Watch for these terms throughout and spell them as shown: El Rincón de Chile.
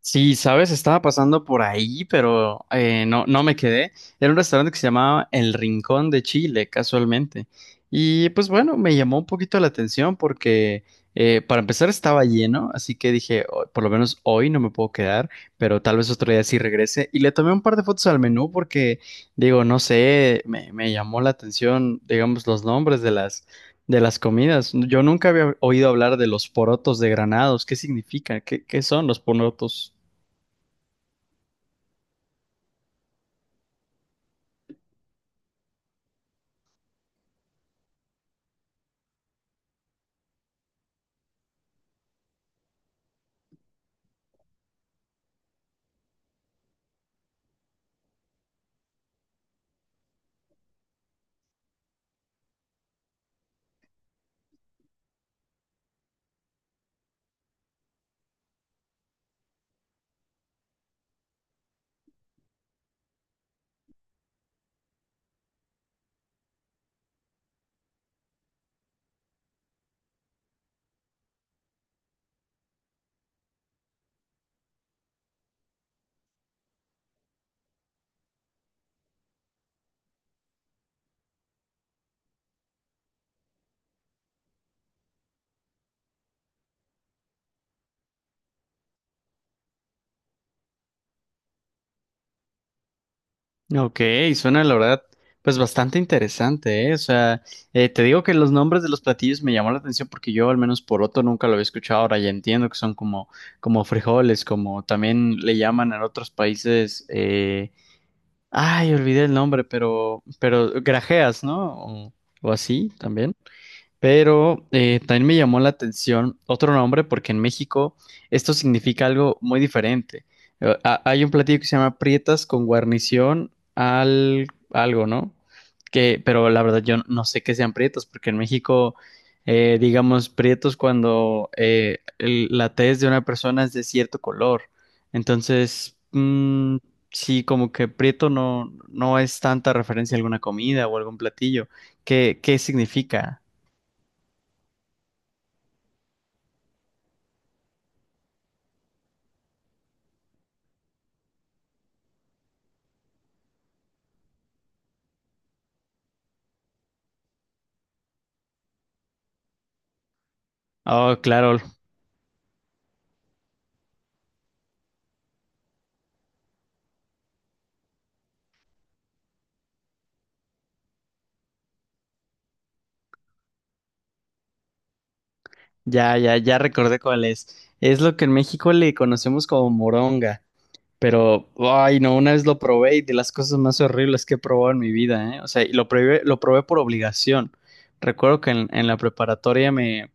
Sí, sabes, estaba pasando por ahí, pero no, no me quedé. Era un restaurante que se llamaba El Rincón de Chile, casualmente. Y pues bueno, me llamó un poquito la atención porque para empezar estaba lleno, así que dije, "Oh, por lo menos hoy no me puedo quedar, pero tal vez otro día sí regrese". Y le tomé un par de fotos al menú porque, digo, no sé, me llamó la atención, digamos, los nombres de de las comidas. Yo nunca había oído hablar de los porotos de Granados. ¿Qué significan? ¿Qué son los porotos? Ok, suena la verdad, pues bastante interesante, ¿eh? O sea, te digo que los nombres de los platillos me llamó la atención porque yo al menos por otro nunca lo había escuchado, ahora ya entiendo que son como, como frijoles, como también le llaman en otros países, ay, olvidé el nombre, pero grajeas, ¿no? O, o así también. Pero también me llamó la atención otro nombre porque en México esto significa algo muy diferente. Hay un platillo que se llama prietas con guarnición al algo, ¿no? Que, pero la verdad yo no sé qué sean prietos porque en México, digamos, prietos cuando la tez de una persona es de cierto color. Entonces, mm, sí, como que prieto no, no es tanta referencia a alguna comida o algún platillo. ¿Qué significa? Oh, claro, ya, ya, ya recordé cuál es. Es lo que en México le conocemos como moronga. Pero, ay, no, una vez lo probé y de las cosas más horribles que he probado en mi vida, ¿eh? O sea, y lo probé por obligación. Recuerdo que en la preparatoria me,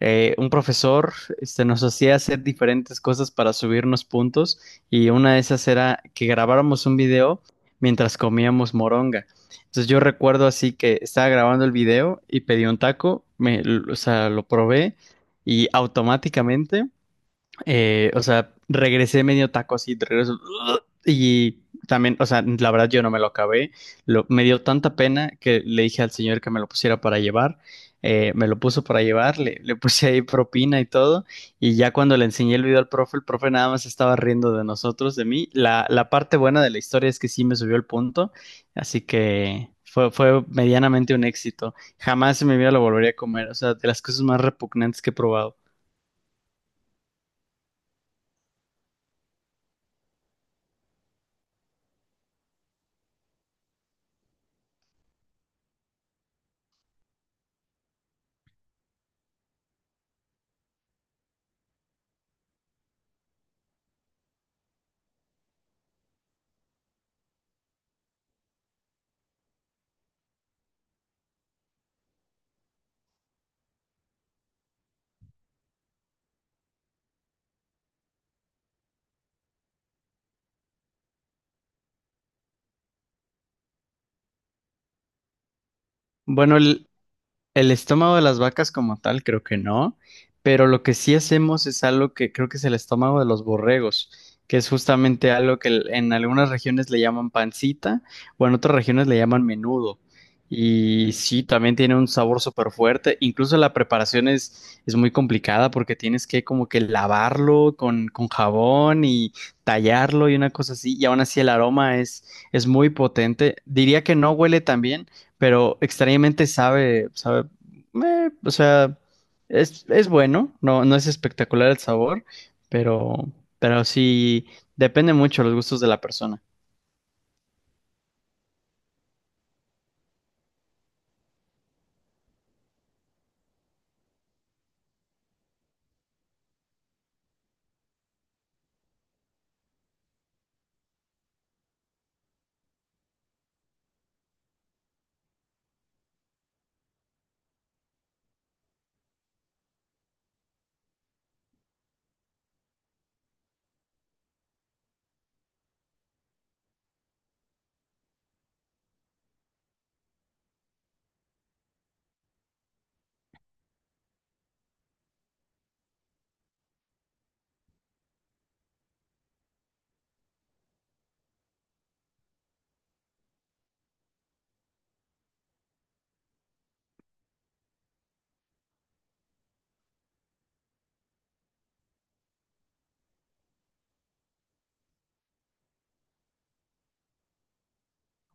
un profesor, este, nos hacía hacer diferentes cosas para subirnos puntos y una de esas era que grabáramos un video mientras comíamos moronga. Entonces yo recuerdo así que estaba grabando el video y pedí un taco, me, o sea, lo probé y automáticamente o sea, regresé medio taco así, de regreso. Y también, o sea, la verdad yo no me lo acabé. Lo, me dio tanta pena que le dije al señor que me lo pusiera para llevar. Me lo puso para llevar, le puse ahí propina y todo. Y ya cuando le enseñé el video al profe, el profe nada más estaba riendo de nosotros, de mí. La parte buena de la historia es que sí me subió el punto. Así que fue, fue medianamente un éxito. Jamás en mi vida lo volvería a comer. O sea, de las cosas más repugnantes que he probado. Bueno, el estómago de las vacas como tal, creo que no, pero lo que sí hacemos es algo que creo que es el estómago de los borregos, que es justamente algo que en algunas regiones le llaman pancita o en otras regiones le llaman menudo. Y sí, también tiene un sabor súper fuerte. Incluso la preparación es muy complicada porque tienes que como que lavarlo con jabón y tallarlo y una cosa así. Y aún así el aroma es muy potente. Diría que no huele tan bien, pero extrañamente sabe, sabe, o sea, es bueno, no, no es espectacular el sabor, pero, pero sí depende mucho de los gustos de la persona.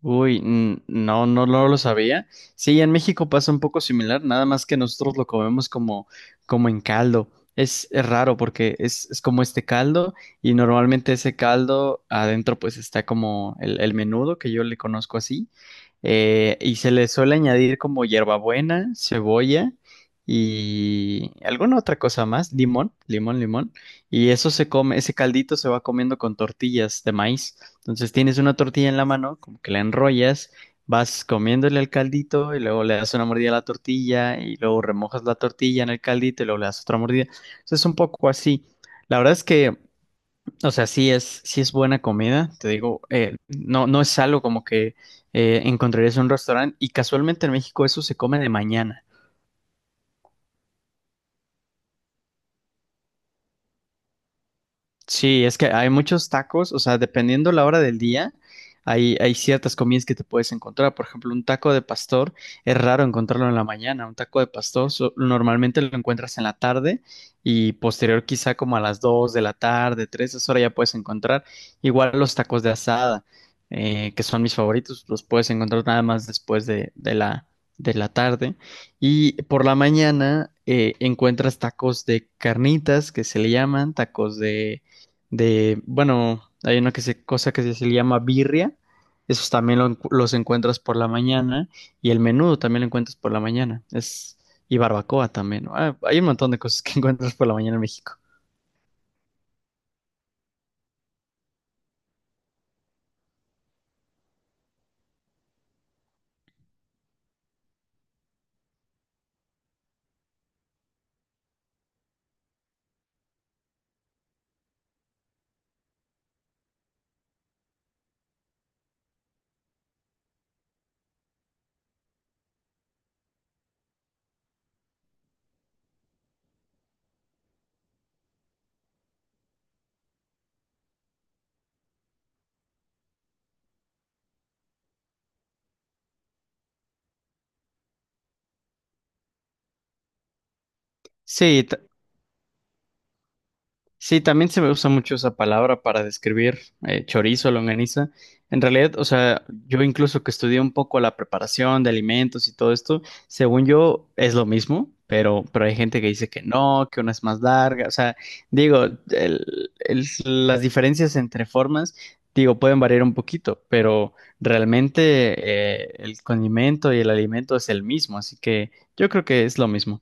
Uy, no, no, no lo sabía. Sí, en México pasa un poco similar, nada más que nosotros lo comemos como, como en caldo. Es raro porque es como este caldo y normalmente ese caldo adentro pues está como el menudo que yo le conozco así, y se le suele añadir como hierbabuena, cebolla y alguna otra cosa más, limón, limón, limón, y eso se come, ese caldito se va comiendo con tortillas de maíz. Entonces tienes una tortilla en la mano, como que la enrollas, vas comiéndole al caldito y luego le das una mordida a la tortilla y luego remojas la tortilla en el caldito y luego le das otra mordida. Entonces es un poco así. La verdad es que, o sea, sí es buena comida, te digo, no, no es algo como que encontrarías en un restaurante y casualmente en México eso se come de mañana. Sí, es que hay muchos tacos, o sea, dependiendo la hora del día, hay ciertas comidas que te puedes encontrar. Por ejemplo, un taco de pastor es raro encontrarlo en la mañana. Un taco de pastor normalmente lo encuentras en la tarde y posterior quizá como a las 2 de la tarde, 3. Esa hora ya puedes encontrar. Igual los tacos de asada, que son mis favoritos, los puedes encontrar nada más después de, de la tarde. Y por la mañana encuentras tacos de carnitas, que se le llaman, tacos de, bueno, hay una que se, cosa se le llama birria, esos también los encuentras por la mañana, y el menudo también lo encuentras por la mañana, es, y barbacoa también, ¿no? Ah, hay un montón de cosas que encuentras por la mañana en México. Sí, sí, también se me usa mucho esa palabra para describir chorizo, longaniza. En realidad, o sea, yo incluso que estudié un poco la preparación de alimentos y todo esto, según yo es lo mismo, pero hay gente que dice que no, que una es más larga. O sea, digo, el- el- las diferencias entre formas, digo, pueden variar un poquito, pero realmente el condimento y el alimento es el mismo, así que yo creo que es lo mismo.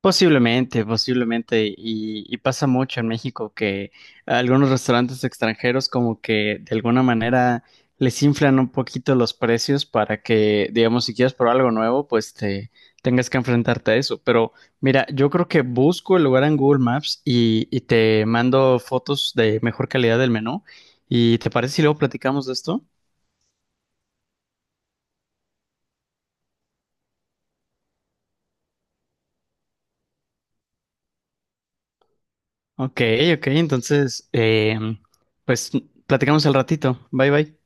Posiblemente, posiblemente, y pasa mucho en México que algunos restaurantes extranjeros como que de alguna manera les inflan un poquito los precios para que, digamos, si quieres probar algo nuevo, pues te tengas que enfrentarte a eso. Pero mira, yo creo que busco el lugar en Google Maps y te mando fotos de mejor calidad del menú. ¿Y te parece si luego platicamos de esto? Ok, ok, entonces, pues platicamos al ratito. Bye, bye.